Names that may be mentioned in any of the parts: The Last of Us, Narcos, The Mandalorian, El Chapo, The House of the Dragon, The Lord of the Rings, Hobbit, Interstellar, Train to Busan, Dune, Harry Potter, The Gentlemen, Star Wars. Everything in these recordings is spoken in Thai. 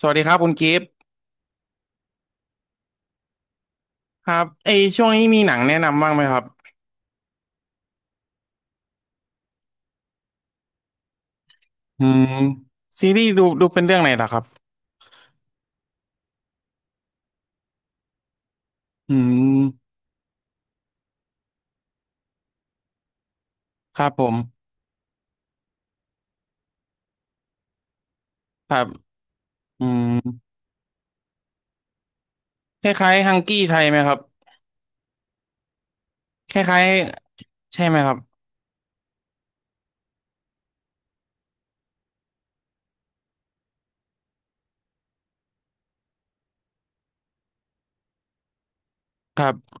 สวัสดีครับคุณกิฟต์ครับเอยช่วงนี้มีหนังแนะนำบ้างไหมครับอืมซีรีส์ดูเป็นเรื่องไหนล่ะครับอืมครับผมครับอืมคล้ายๆฮังกี้ไทยไหมครับคล้ายๆใช่ไหมครับครับ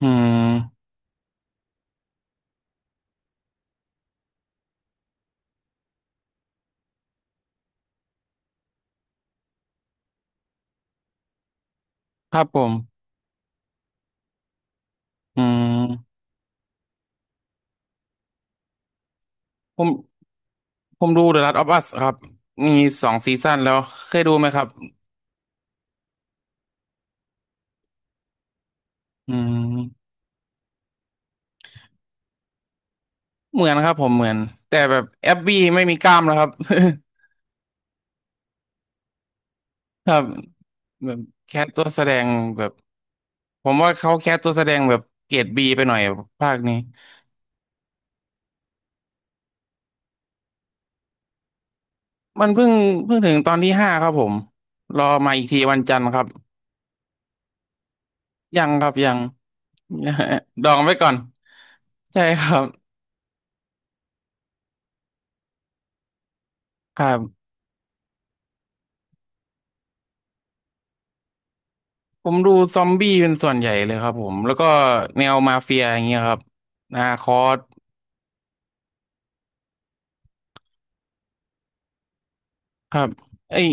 อืมครับผมอืมผมผมดู The Last of Us ครับมีสองซีซั่นแล้วเคยดูไหมครับอืมเหมือนครับผมเหมือนแต่แบบแอบบี้ไม่มีกล้ามแล้วครับ ครับแบบแค่ตัวแสดงแบบ ผมว่าเขาแคสตัวแสดงแบบเกรดบีไปหน่อยภาคนี้มันเพิ่งเพิ่งถึงตอนที่ห้าครับผมรอมาอีกทีวันจันทร์ครับยังครับยัง ดองไว้ก่อนใช่ครับครับผมดูซอมบี้เป็นส่วนใหญ่เลยครับผมแล้วก็แนวมาเฟียอย่างเงี้ยครับนาคอสครับไอ้ย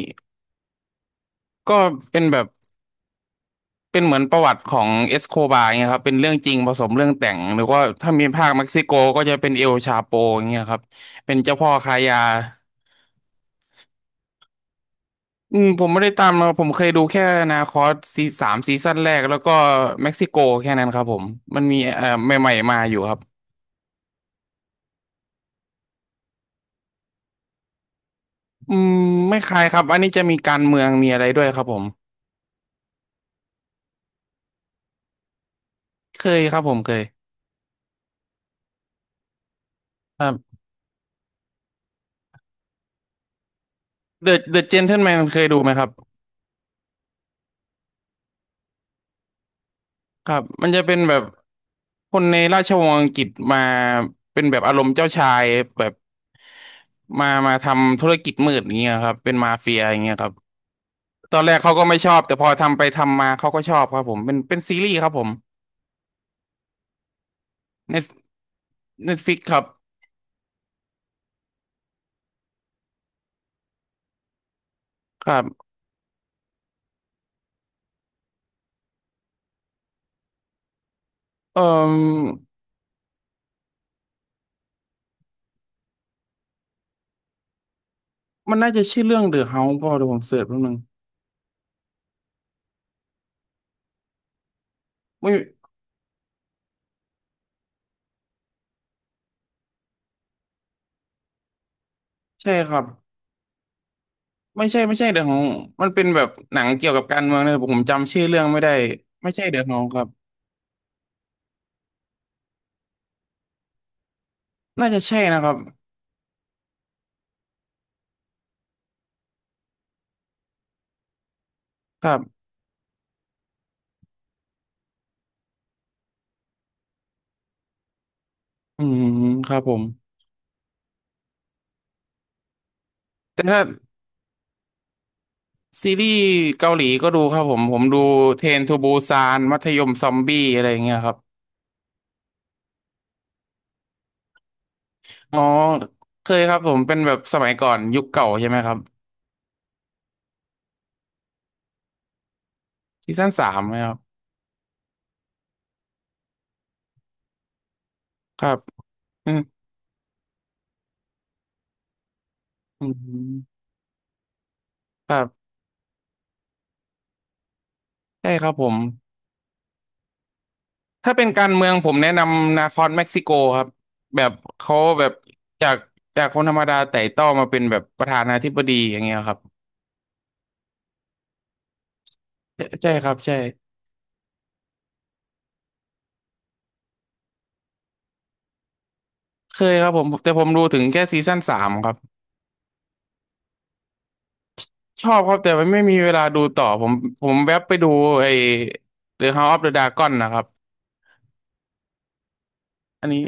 ก็เป็นแบบเป็นเหมือนประวัติของเอสโคบาร์เงี้ยครับเป็นเรื่องจริงผสมเรื่องแต่งหรือว่าถ้ามีภาคเม็กซิโกก็จะเป็นเอลชาโปอย่างเงี้ยครับเป็นเจ้าพ่อค้ายา อืมผมไม่ได้ตามมาผมเคยดูแค่นาคอสซีสามซีซั่นแรกแล้วก็เม็กซิโกแค่นั้นครับผมมันมีใหม่ๆมาอยู่ครับอืมไม่คล้ายครับอันนี้จะมีการเมืองมีอะไรด้วยครับผมเคยครับผมเคยครับเดอะเจนเทิลแมนเคยดูไหมครับครับมันจะเป็นแบบคนในราชวงศ์อังกฤษมาเป็นแบบอารมณ์เจ้าชายแบบมาทำธุรกิจมืดอย่างเงี้ยครับเป็นมาเฟียอย่างเงี้ยครับตอนแรกเขาก็ไม่ชอบแต่พอทำไปทำมาเขาก็ชอบครับผมเป็นซีรีส์ครับผม Netflix ครับครับเอ่อมันน่าจะชื่อเรื่อง The House พอเดี๋ยวผมเสิร์ชแป๊บนึงไม่ใช่ครับไม่ใช่ The House มันเป็นแบบหนังเกี่ยวกับการเมืองนะแต่ผมจำชื่อเรื่องไม่ได้ไม่ใช่ The House ครับน่าจะใช่นะครับครับอืมครับผมแต่ถ้าซีรีส์เกาหลีก็ดูครับผมผมดูเทรนทูบูซานมัธยมซอมบี้อะไรอย่างเงี้ยครับอ๋อเคยครับผมเป็นแบบสมัยก่อนยุคเก่าใช่ไหมครับซีซั่นสามไหมครับครับอืมอืมครับ ใช่ครับผมถ้าเป็นการเมืองผมแนะนำนาคอนเม็กซิโกครับแบบเขาแบบจากจากคนธรรมดาไต่เต้ามาเป็นแบบประธานาธิบดีอย่างเงี้ยครับใช่ใช่ครับใช่เคยครับผมแต่ผมดูถึงแค่ซีซั่นสามครับชอบครับแต่มันไม่มีเวลาดูต่อผมผมแวบไปดูไอ้ The House of the Dragon นะครับอันนี้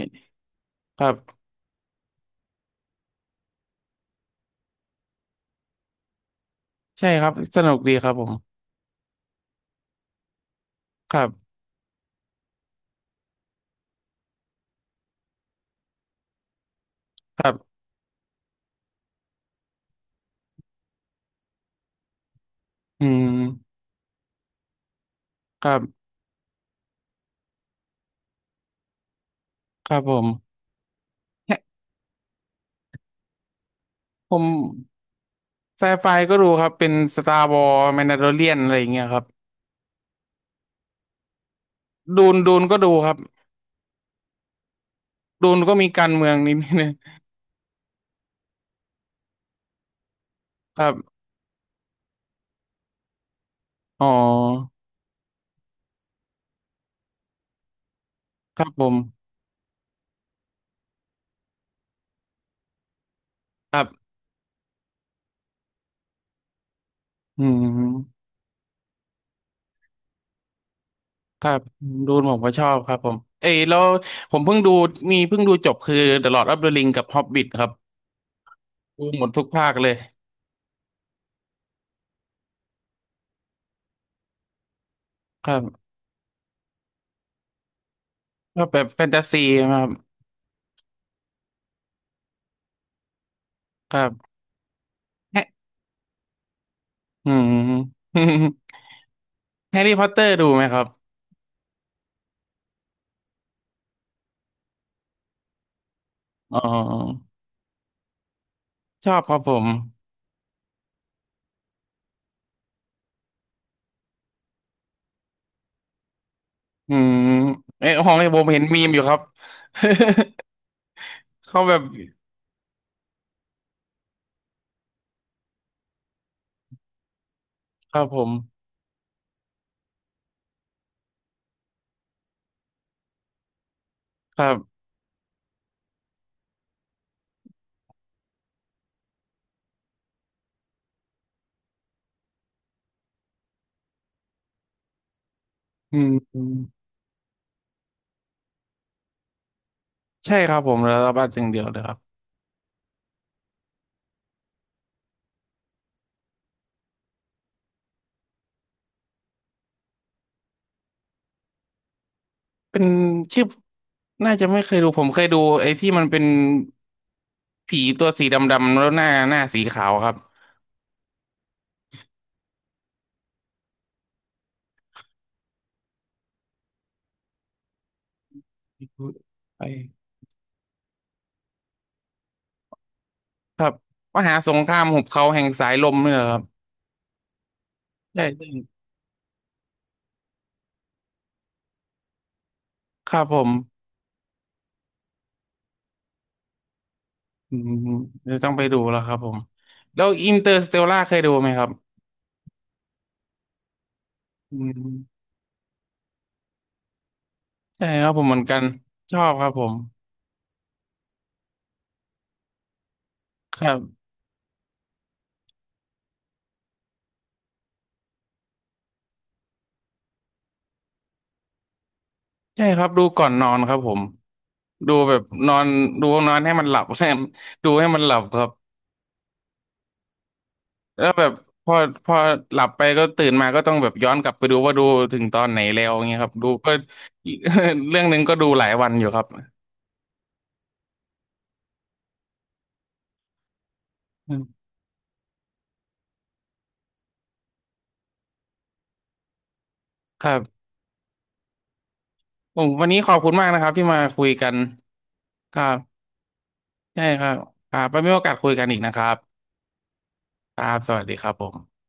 ครับใช่ครับสนุกดีครับผมครับครับอืมครับครับผมเนี่ยผม ไซไฟก็ดูครับเป็นสตาร์วอร์แมนดาโลเรียนอะไรอย่างเงี้ยครับดูนก็ดูครับดูนก็มีการเมืองนิดนึงครับอ๋อครับผมครับอืมครับดูนผมก็ชอบครับผมเอ้ยแล้วผมเพิ่งดูมีเพิ่งดูจบคือ The Lord of the Ring กับ Hobbit ครับดูหมดทุกภาคเลยครับก็แบบแฟนตาซีครับครับแฮะอืม แฮร์รี่พอตเตอร์ดูไหมครับอ๋อชอบครับผม อืมเอ้ยของไอ้ผมเห็นมีมอยู่ครับ เขาแบบครับผมครับอืมใช่ครับผมแล้วรับบัตรอย่างเดียวเลยครับเป็นชื่อน่าจะไม่เคยดูผมเคยดูไอ้ที่มันเป็นผีตัวสีดำๆแล้วหน้าสีขาวครับไอ้ครับมหาสงครามหุบเขาแห่งสายลมนี่แหละครับใช่ใช่ครับผมอืมจะต้องไปดูแล้วครับผมแล้วอินเตอร์สเตลล่าเคยดูไหมครับอืม ใช่ครับผมเหมือนกันชอบครับผมครับใช่ครับดูก่อนนอนครับผมดูแบบนอนดูนอนให้มันหลับ ใช่ดูให้มันหลับครับแล้วแบบพอพอหลับไปก็ตื่นมาก็ต้องแบบย้อนกลับไปดูว่าดูถึงตอนไหนแล้วอย่างเงี้ยครับดูก็ เรื่องหนึงก็ดูหลายวันอยู่ครับอืมครับผมวันนี้ขอบคุณมากนะครับที่มาคุยกันครับใช่ครับครับไปมีโอกาสคุยกันอีกนะครับครับสวัสดีครับผม